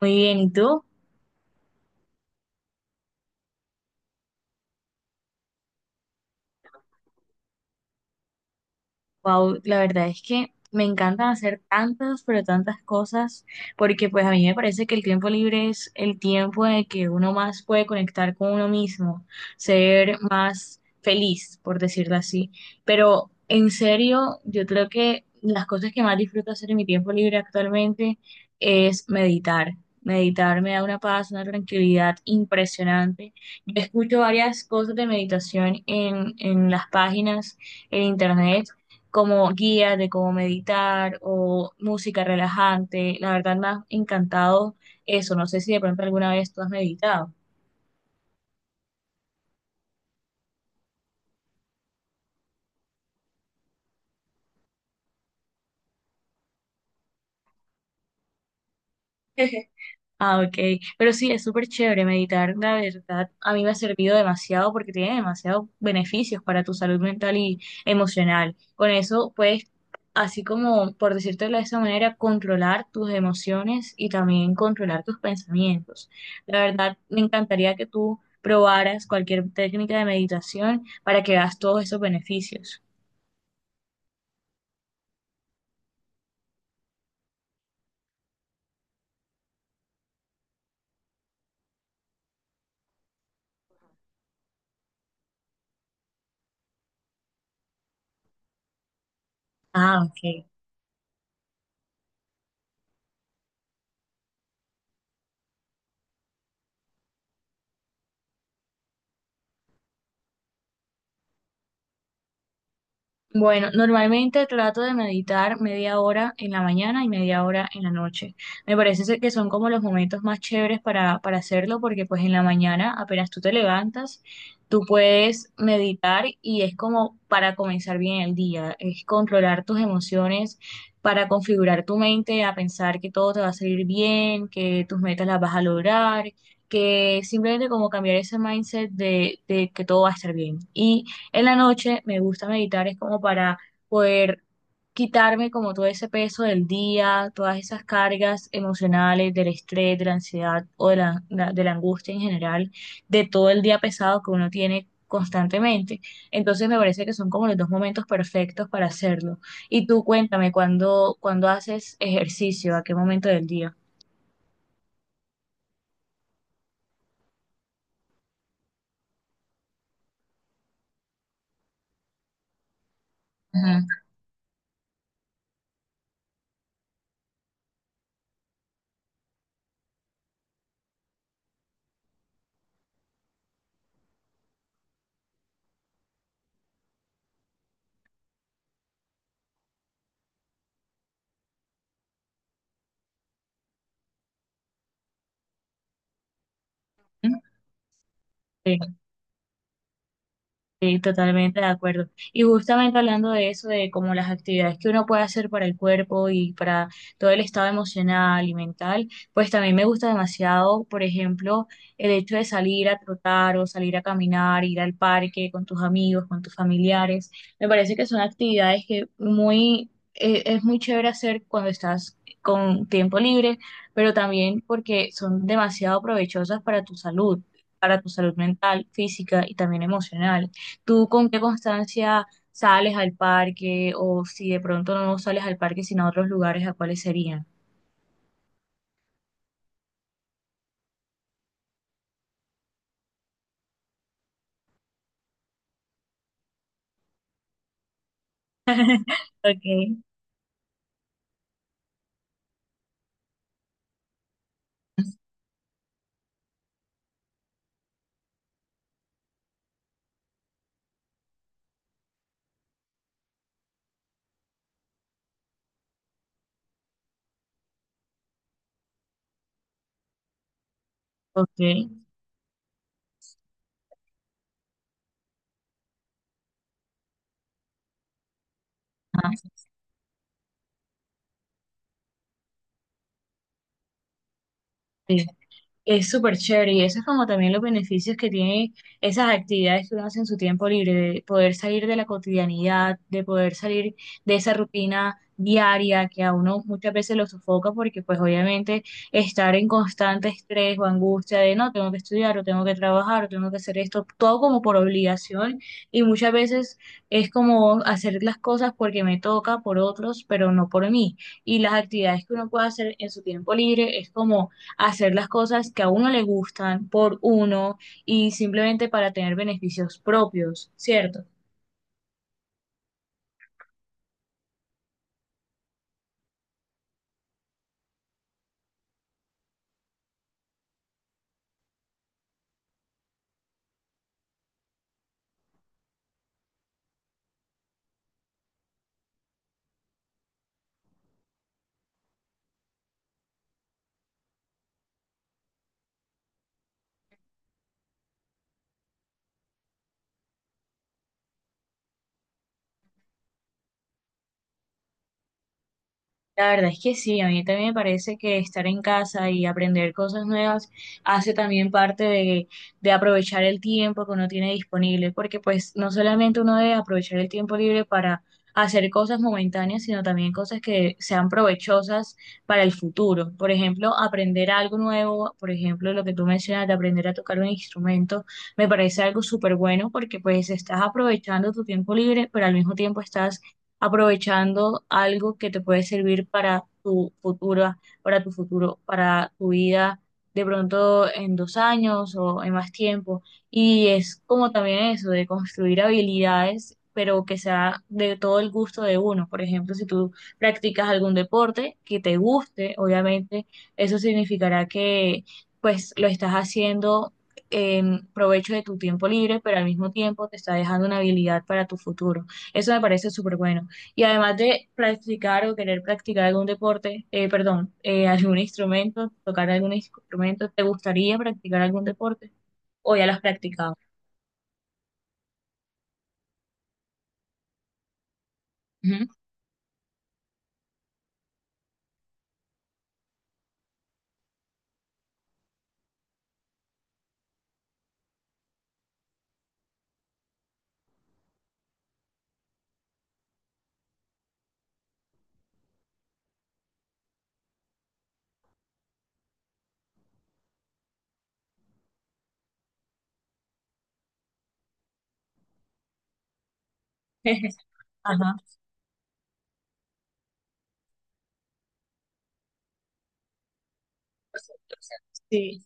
Muy bien, ¿y tú? Wow, la verdad es que me encantan hacer tantas, pero tantas cosas, porque pues a mí me parece que el tiempo libre es el tiempo en el que uno más puede conectar con uno mismo, ser más feliz, por decirlo así. Pero en serio, yo creo que las cosas que más disfruto hacer en mi tiempo libre actualmente es meditar. Meditar me da una paz, una tranquilidad impresionante. Yo escucho varias cosas de meditación en las páginas en internet como guía de cómo meditar o música relajante. La verdad me ha encantado eso. No sé si de pronto alguna vez tú has meditado. Ah, ok. Pero sí, es súper chévere meditar, la verdad. A mí me ha servido demasiado porque tiene demasiados beneficios para tu salud mental y emocional. Con eso puedes, así como, por decírtelo de esa manera, controlar tus emociones y también controlar tus pensamientos. La verdad, me encantaría que tú probaras cualquier técnica de meditación para que veas todos esos beneficios. Ah, ok. Bueno, normalmente trato de meditar media hora en la mañana y media hora en la noche. Me parece ser que son como los momentos más chéveres para hacerlo porque pues en la mañana apenas tú te levantas, tú puedes meditar y es como para comenzar bien el día, es controlar tus emociones, para configurar tu mente a pensar que todo te va a salir bien, que tus metas las vas a lograr, que simplemente como cambiar ese mindset de que todo va a estar bien. Y en la noche me gusta meditar, es como para poder quitarme como todo ese peso del día, todas esas cargas emocionales, del estrés, de la ansiedad o de la angustia en general, de todo el día pesado que uno tiene constantemente. Entonces me parece que son como los dos momentos perfectos para hacerlo. Y tú cuéntame, ¿cuándo haces ejercicio? ¿A qué momento del día? Ujú. Sí. Sí, totalmente de acuerdo. Y justamente hablando de eso, de como las actividades que uno puede hacer para el cuerpo y para todo el estado emocional y mental, pues también me gusta demasiado, por ejemplo, el hecho de salir a trotar o salir a caminar, ir al parque con tus amigos, con tus familiares. Me parece que son actividades que muy, es muy chévere hacer cuando estás con tiempo libre, pero también porque son demasiado provechosas para tu salud mental, física y también emocional. ¿Tú con qué constancia sales al parque o si de pronto no sales al parque sino a otros lugares, a cuáles serían? Ok, ok. Ah, sí. Es súper chévere y eso es como también los beneficios que tiene esas actividades que uno hace en su tiempo libre, de poder salir de la cotidianidad, de poder salir de esa rutina diaria que a uno muchas veces lo sofoca porque pues obviamente estar en constante estrés o angustia de no, tengo que estudiar o tengo que trabajar o tengo que hacer esto, todo como por obligación y muchas veces es como hacer las cosas porque me toca por otros, pero no por mí. Y las actividades que uno puede hacer en su tiempo libre es como hacer las cosas que a uno le gustan por uno y simplemente para tener beneficios propios, ¿cierto? La verdad es que sí, a mí también me parece que estar en casa y aprender cosas nuevas hace también parte de aprovechar el tiempo que uno tiene disponible, porque pues no solamente uno debe aprovechar el tiempo libre para hacer cosas momentáneas, sino también cosas que sean provechosas para el futuro. Por ejemplo, aprender algo nuevo, por ejemplo, lo que tú mencionas de aprender a tocar un instrumento, me parece algo súper bueno porque pues estás aprovechando tu tiempo libre, pero al mismo tiempo estás aprovechando algo que te puede servir para tu futuro, para tu vida de pronto en 2 años o en más tiempo. Y es como también eso, de construir habilidades, pero que sea de todo el gusto de uno. Por ejemplo, si tú practicas algún deporte que te guste, obviamente eso significará que pues lo estás haciendo en provecho de tu tiempo libre, pero al mismo tiempo te está dejando una habilidad para tu futuro. Eso me parece súper bueno. Y además de practicar o querer practicar algún deporte, perdón, algún instrumento, tocar algún instrumento, ¿te gustaría practicar algún deporte? ¿O ya lo has practicado? Ujú. Ajá. Sí.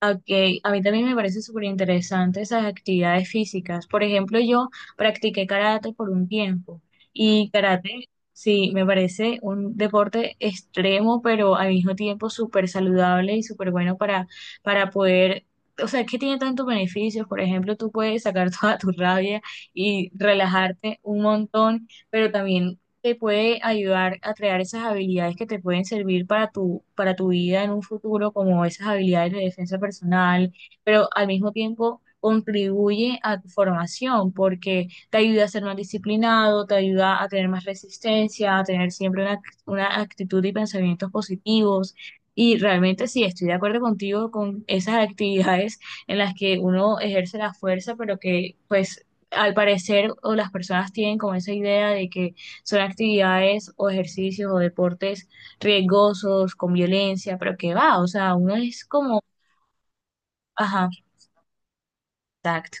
Ok, a mí también me parece súper interesante esas actividades físicas. Por ejemplo, yo practiqué karate por un tiempo y karate, sí, me parece un deporte extremo, pero al mismo tiempo súper saludable y súper bueno para poder, o sea, que tiene tantos beneficios. Por ejemplo, tú puedes sacar toda tu rabia y relajarte un montón, pero también te puede ayudar a crear esas habilidades que te pueden servir para tu vida en un futuro, como esas habilidades de defensa personal, pero al mismo tiempo contribuye a tu formación porque te ayuda a ser más disciplinado, te ayuda a tener más resistencia, a tener siempre una actitud y pensamientos positivos. Y realmente sí, estoy de acuerdo contigo con esas actividades en las que uno ejerce la fuerza, pero que pues al parecer o las personas tienen como esa idea de que son actividades o ejercicios o deportes riesgosos, con violencia, pero que va, o sea, uno es como, ajá, exacto.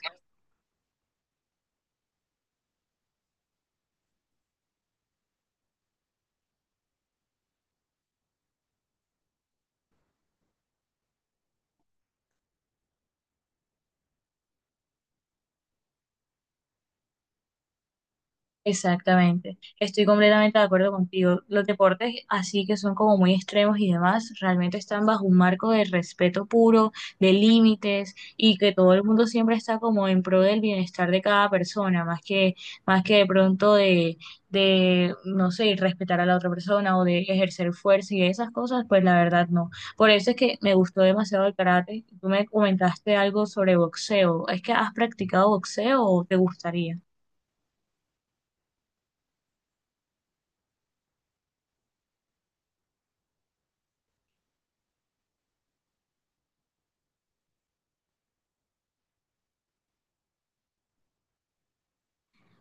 Exactamente, estoy completamente de acuerdo contigo. Los deportes así que son como muy extremos y demás, realmente están bajo un marco de respeto puro, de límites y que todo el mundo siempre está como en pro del bienestar de cada persona, más que de pronto de no sé, respetar a la otra persona o de ejercer fuerza y esas cosas, pues la verdad no. Por eso es que me gustó demasiado el karate. Tú me comentaste algo sobre boxeo. ¿Es que has practicado boxeo o te gustaría?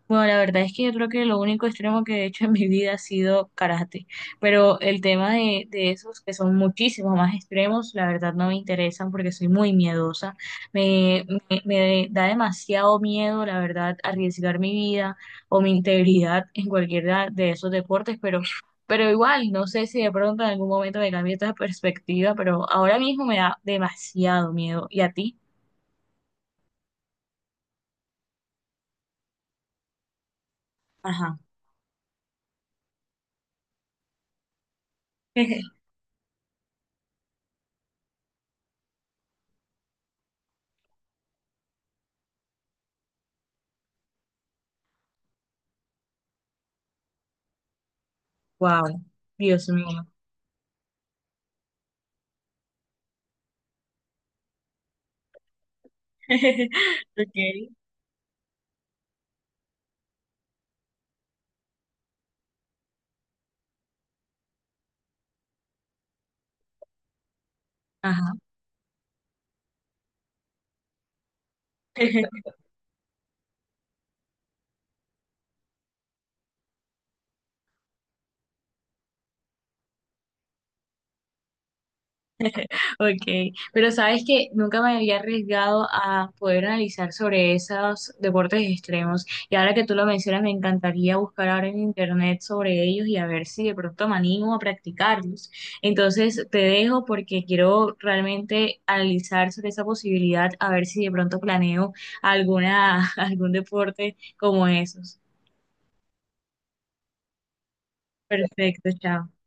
Bueno, la verdad es que yo creo que lo único extremo que he hecho en mi vida ha sido karate, pero el tema de esos que son muchísimos más extremos, la verdad no me interesan porque soy muy miedosa. Me da demasiado miedo, la verdad, arriesgar mi vida o mi integridad en cualquiera de esos deportes, pero igual, no sé si de pronto en algún momento me cambie esta perspectiva, pero ahora mismo me da demasiado miedo. ¿Y a ti? Ajá. Wow, Dios mío. Ok. Ajá, ok. Pero sabes que nunca me había arriesgado a poder analizar sobre esos deportes extremos. Y ahora que tú lo mencionas, me encantaría buscar ahora en internet sobre ellos y a ver si de pronto me animo a practicarlos. Entonces te dejo porque quiero realmente analizar sobre esa posibilidad, a ver si de pronto planeo alguna, algún deporte como esos. Perfecto, chao.